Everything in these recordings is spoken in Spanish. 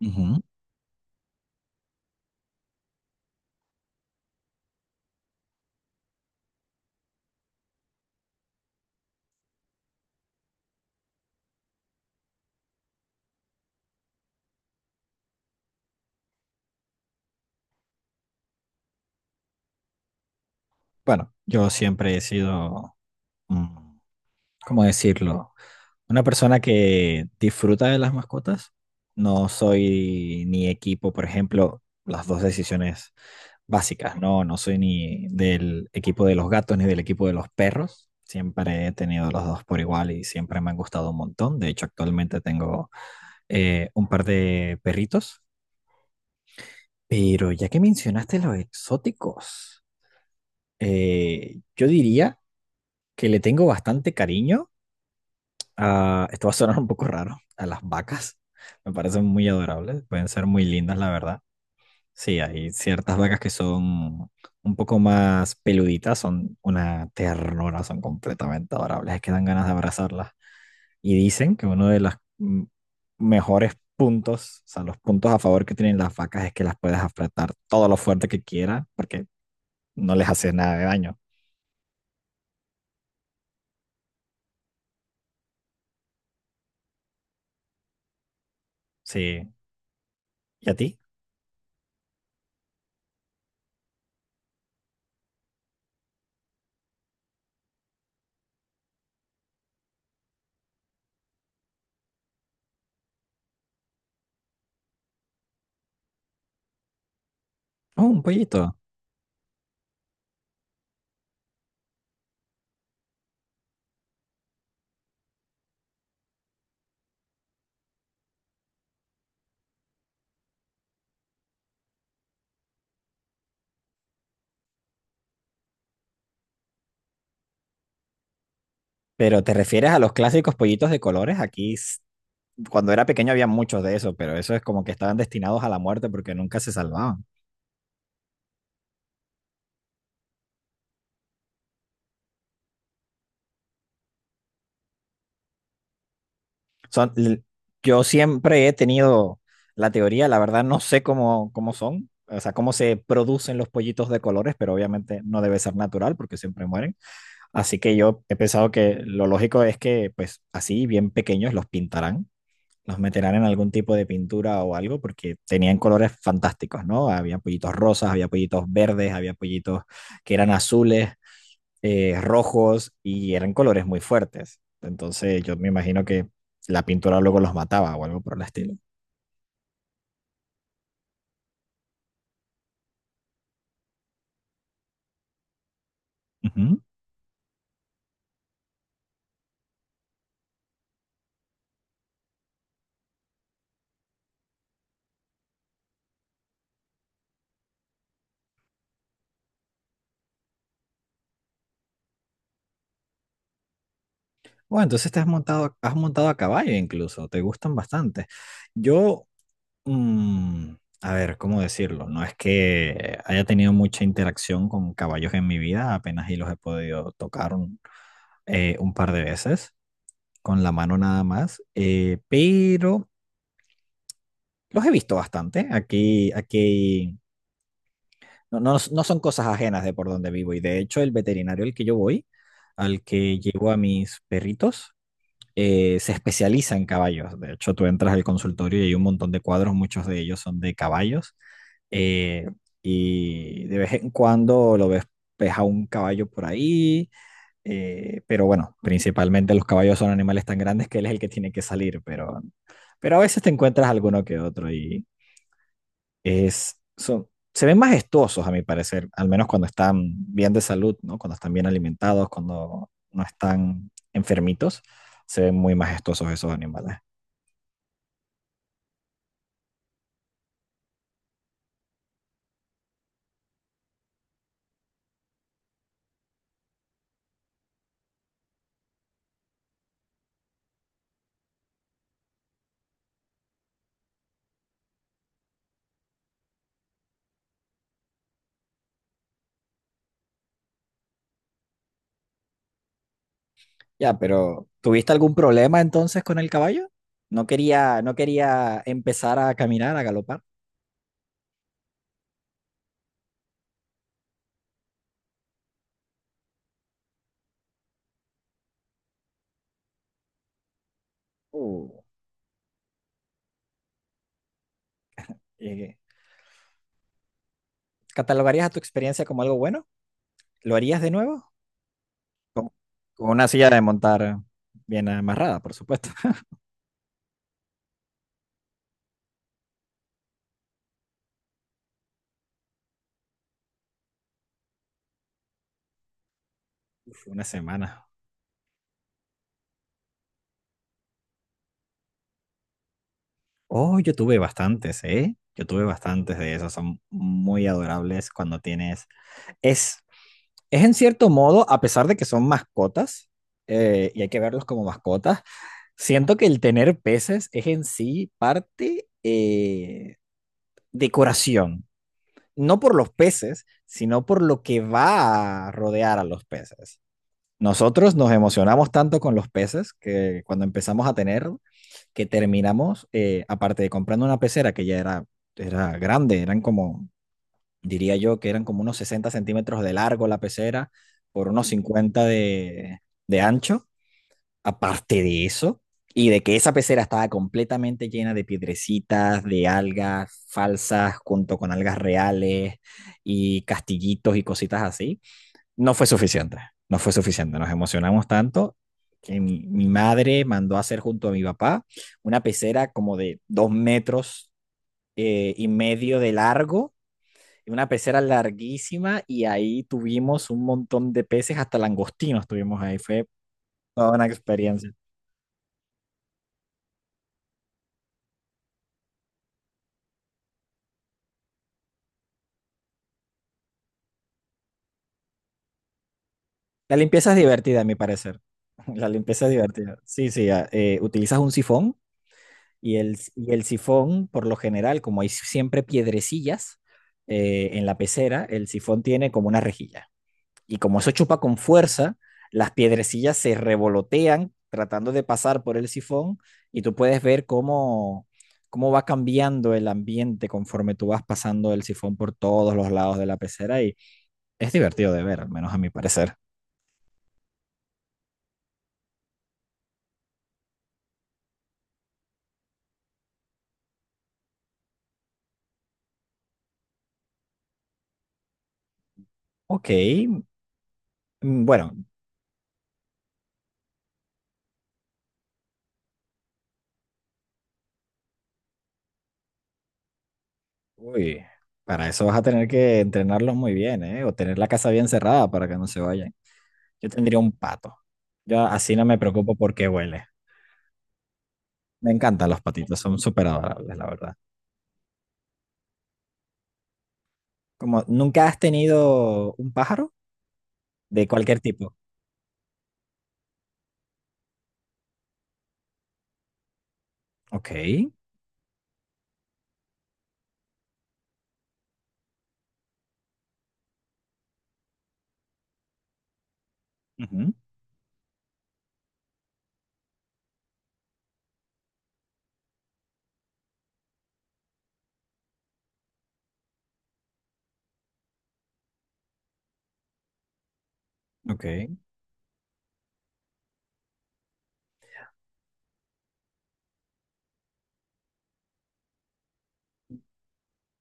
Ujú. Bueno, yo siempre he sido, mm, ¿cómo decirlo? Una persona que disfruta de las mascotas. No soy ni equipo, por ejemplo, las dos decisiones básicas, ¿no? No soy ni del equipo de los gatos ni del equipo de los perros. Siempre he tenido los dos por igual y siempre me han gustado un montón. De hecho, actualmente tengo un par de perritos. Pero ya que mencionaste los exóticos, yo diría que le tengo bastante cariño a, esto va a sonar un poco raro, a las vacas. Me parecen muy adorables, pueden ser muy lindas, la verdad. Sí, hay ciertas vacas que son un poco más peluditas, son una ternura, son completamente adorables, es que dan ganas de abrazarlas. Y dicen que uno de los mejores puntos, o sea, los puntos a favor que tienen las vacas es que las puedes apretar todo lo fuerte que quieras, porque no les hace nada de daño. Sí. ¿Y a ti? Oh, un pollito. Pero te refieres a los clásicos pollitos de colores. Aquí, cuando era pequeño había muchos de esos, pero eso es como que estaban destinados a la muerte porque nunca se salvaban. Son, yo siempre he tenido la teoría, la verdad no sé cómo, cómo son, o sea, cómo se producen los pollitos de colores, pero obviamente no debe ser natural porque siempre mueren. Así que yo he pensado que lo lógico es que, pues así, bien pequeños, los pintarán los meterán en algún tipo de pintura o algo, porque tenían colores fantásticos, ¿no? Había pollitos rosas, había pollitos verdes, había pollitos que eran azules, rojos, y eran colores muy fuertes. Entonces yo me imagino que la pintura luego los mataba o algo por el estilo. Ujú. Bueno, entonces te has montado a caballo incluso, te gustan bastante. Yo, mm, a ver, ¿cómo decirlo? No es que haya tenido mucha interacción con caballos en mi vida, apenas y los he podido tocar un par de veces con la mano nada más, pero los he visto bastante. Aquí, aquí no son cosas ajenas de por donde vivo y de hecho el veterinario al que yo voy, al que llevo a mis perritos, se especializa en caballos. De hecho, tú entras al consultorio y hay un montón de cuadros, muchos de ellos son de caballos. eh, y de vez en cuando lo ves, ves a un caballo por ahí. Pero bueno, principalmente los caballos son animales tan grandes que él es el que tiene que salir, pero a veces te encuentras alguno que otro y es, son, se ven majestuosos a mi parecer, al menos cuando están bien de salud, ¿no? Cuando están bien alimentados, cuando no están enfermitos, se ven muy majestuosos esos animales. Ya, pero ¿tuviste algún problema entonces con el caballo? No quería empezar a caminar, a galopar. Uh, eh, ¿Catalogarías a tu experiencia como algo bueno? ¿Lo harías de nuevo? Con, con una silla de montar bien amarrada, por supuesto. Fue una semana. Oh, yo tuve bastantes, ¿eh? Yo tuve bastantes de esos. Son muy adorables cuando tienes... Es, es en cierto modo, a pesar de que son mascotas, y hay que verlos como mascotas, siento que el tener peces es en sí parte decoración. No por los peces, sino por lo que va a rodear a los peces. Nosotros nos emocionamos tanto con los peces que cuando empezamos a tener, que terminamos, aparte de comprando una pecera que ya era, era grande, eran como, diría yo, que eran como unos 60 centímetros de largo la pecera, por unos 50 de ancho. Aparte de eso, y de que esa pecera estaba completamente llena de piedrecitas, de algas falsas, junto con algas reales y castillitos y cositas así no fue suficiente, no fue suficiente, nos emocionamos tanto que mi madre mandó a hacer junto a mi papá una pecera como de 2 metros y medio de largo, una pecera larguísima y ahí tuvimos un montón de peces, hasta langostinos tuvimos ahí, fue toda una experiencia. La limpieza es divertida, a mi parecer. La limpieza es divertida. Sí, sí, ah, utilizas un sifón. Y el sifón, por lo general, como hay siempre piedrecillas en la pecera, el sifón tiene como una rejilla. Y como eso chupa con fuerza, las piedrecillas se revolotean tratando de pasar por el sifón y tú puedes ver cómo, cómo va cambiando el ambiente conforme tú vas pasando el sifón por todos los lados de la pecera y es divertido de ver, al menos a mi parecer. Ok, bueno, uy, para eso vas a tener que entrenarlos muy bien, ¿eh? O tener la casa bien cerrada para que no se vayan. Yo tendría un pato. Yo así no me preocupo porque huele. Me encantan los patitos, son súper adorables, la verdad. Como, ¿nunca has tenido un pájaro de cualquier tipo? Ok, ujú, ok.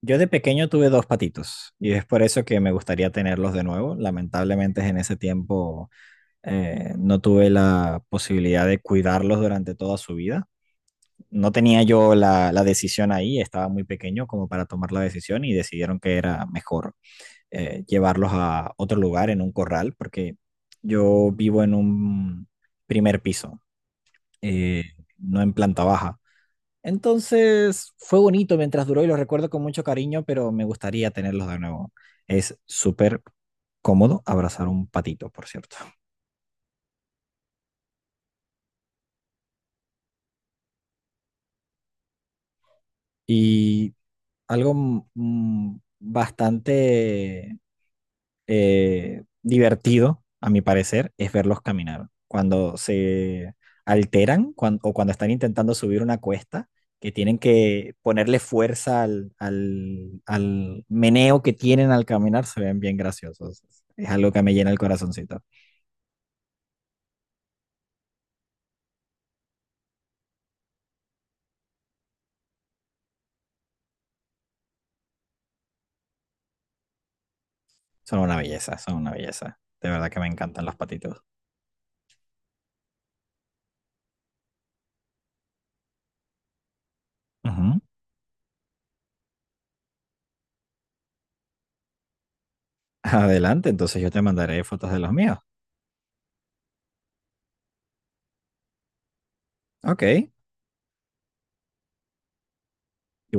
Yo de pequeño tuve dos patitos y es por eso que me gustaría tenerlos de nuevo. Lamentablemente en ese tiempo no tuve la posibilidad de cuidarlos durante toda su vida, no tenía yo la decisión ahí, estaba muy pequeño como para tomar la decisión y decidieron que era mejor llevarlos a otro lugar, en un corral, porque yo vivo en un primer piso, eh, no en planta baja. Entonces fue bonito mientras duró y lo recuerdo con mucho cariño, pero me gustaría tenerlos de nuevo. Es súper cómodo abrazar un patito, por cierto. Y algo bastante divertido, a mi parecer, es verlos caminar. Cuando se alteran o cuando están intentando subir una cuesta, que tienen que ponerle fuerza al meneo que tienen al caminar, se ven bien graciosos. Es algo que me llena el corazoncito. Son una belleza, son una belleza. De verdad que me encantan los patitos. Ujú. Adelante, entonces yo te mandaré fotos de los míos. Ok.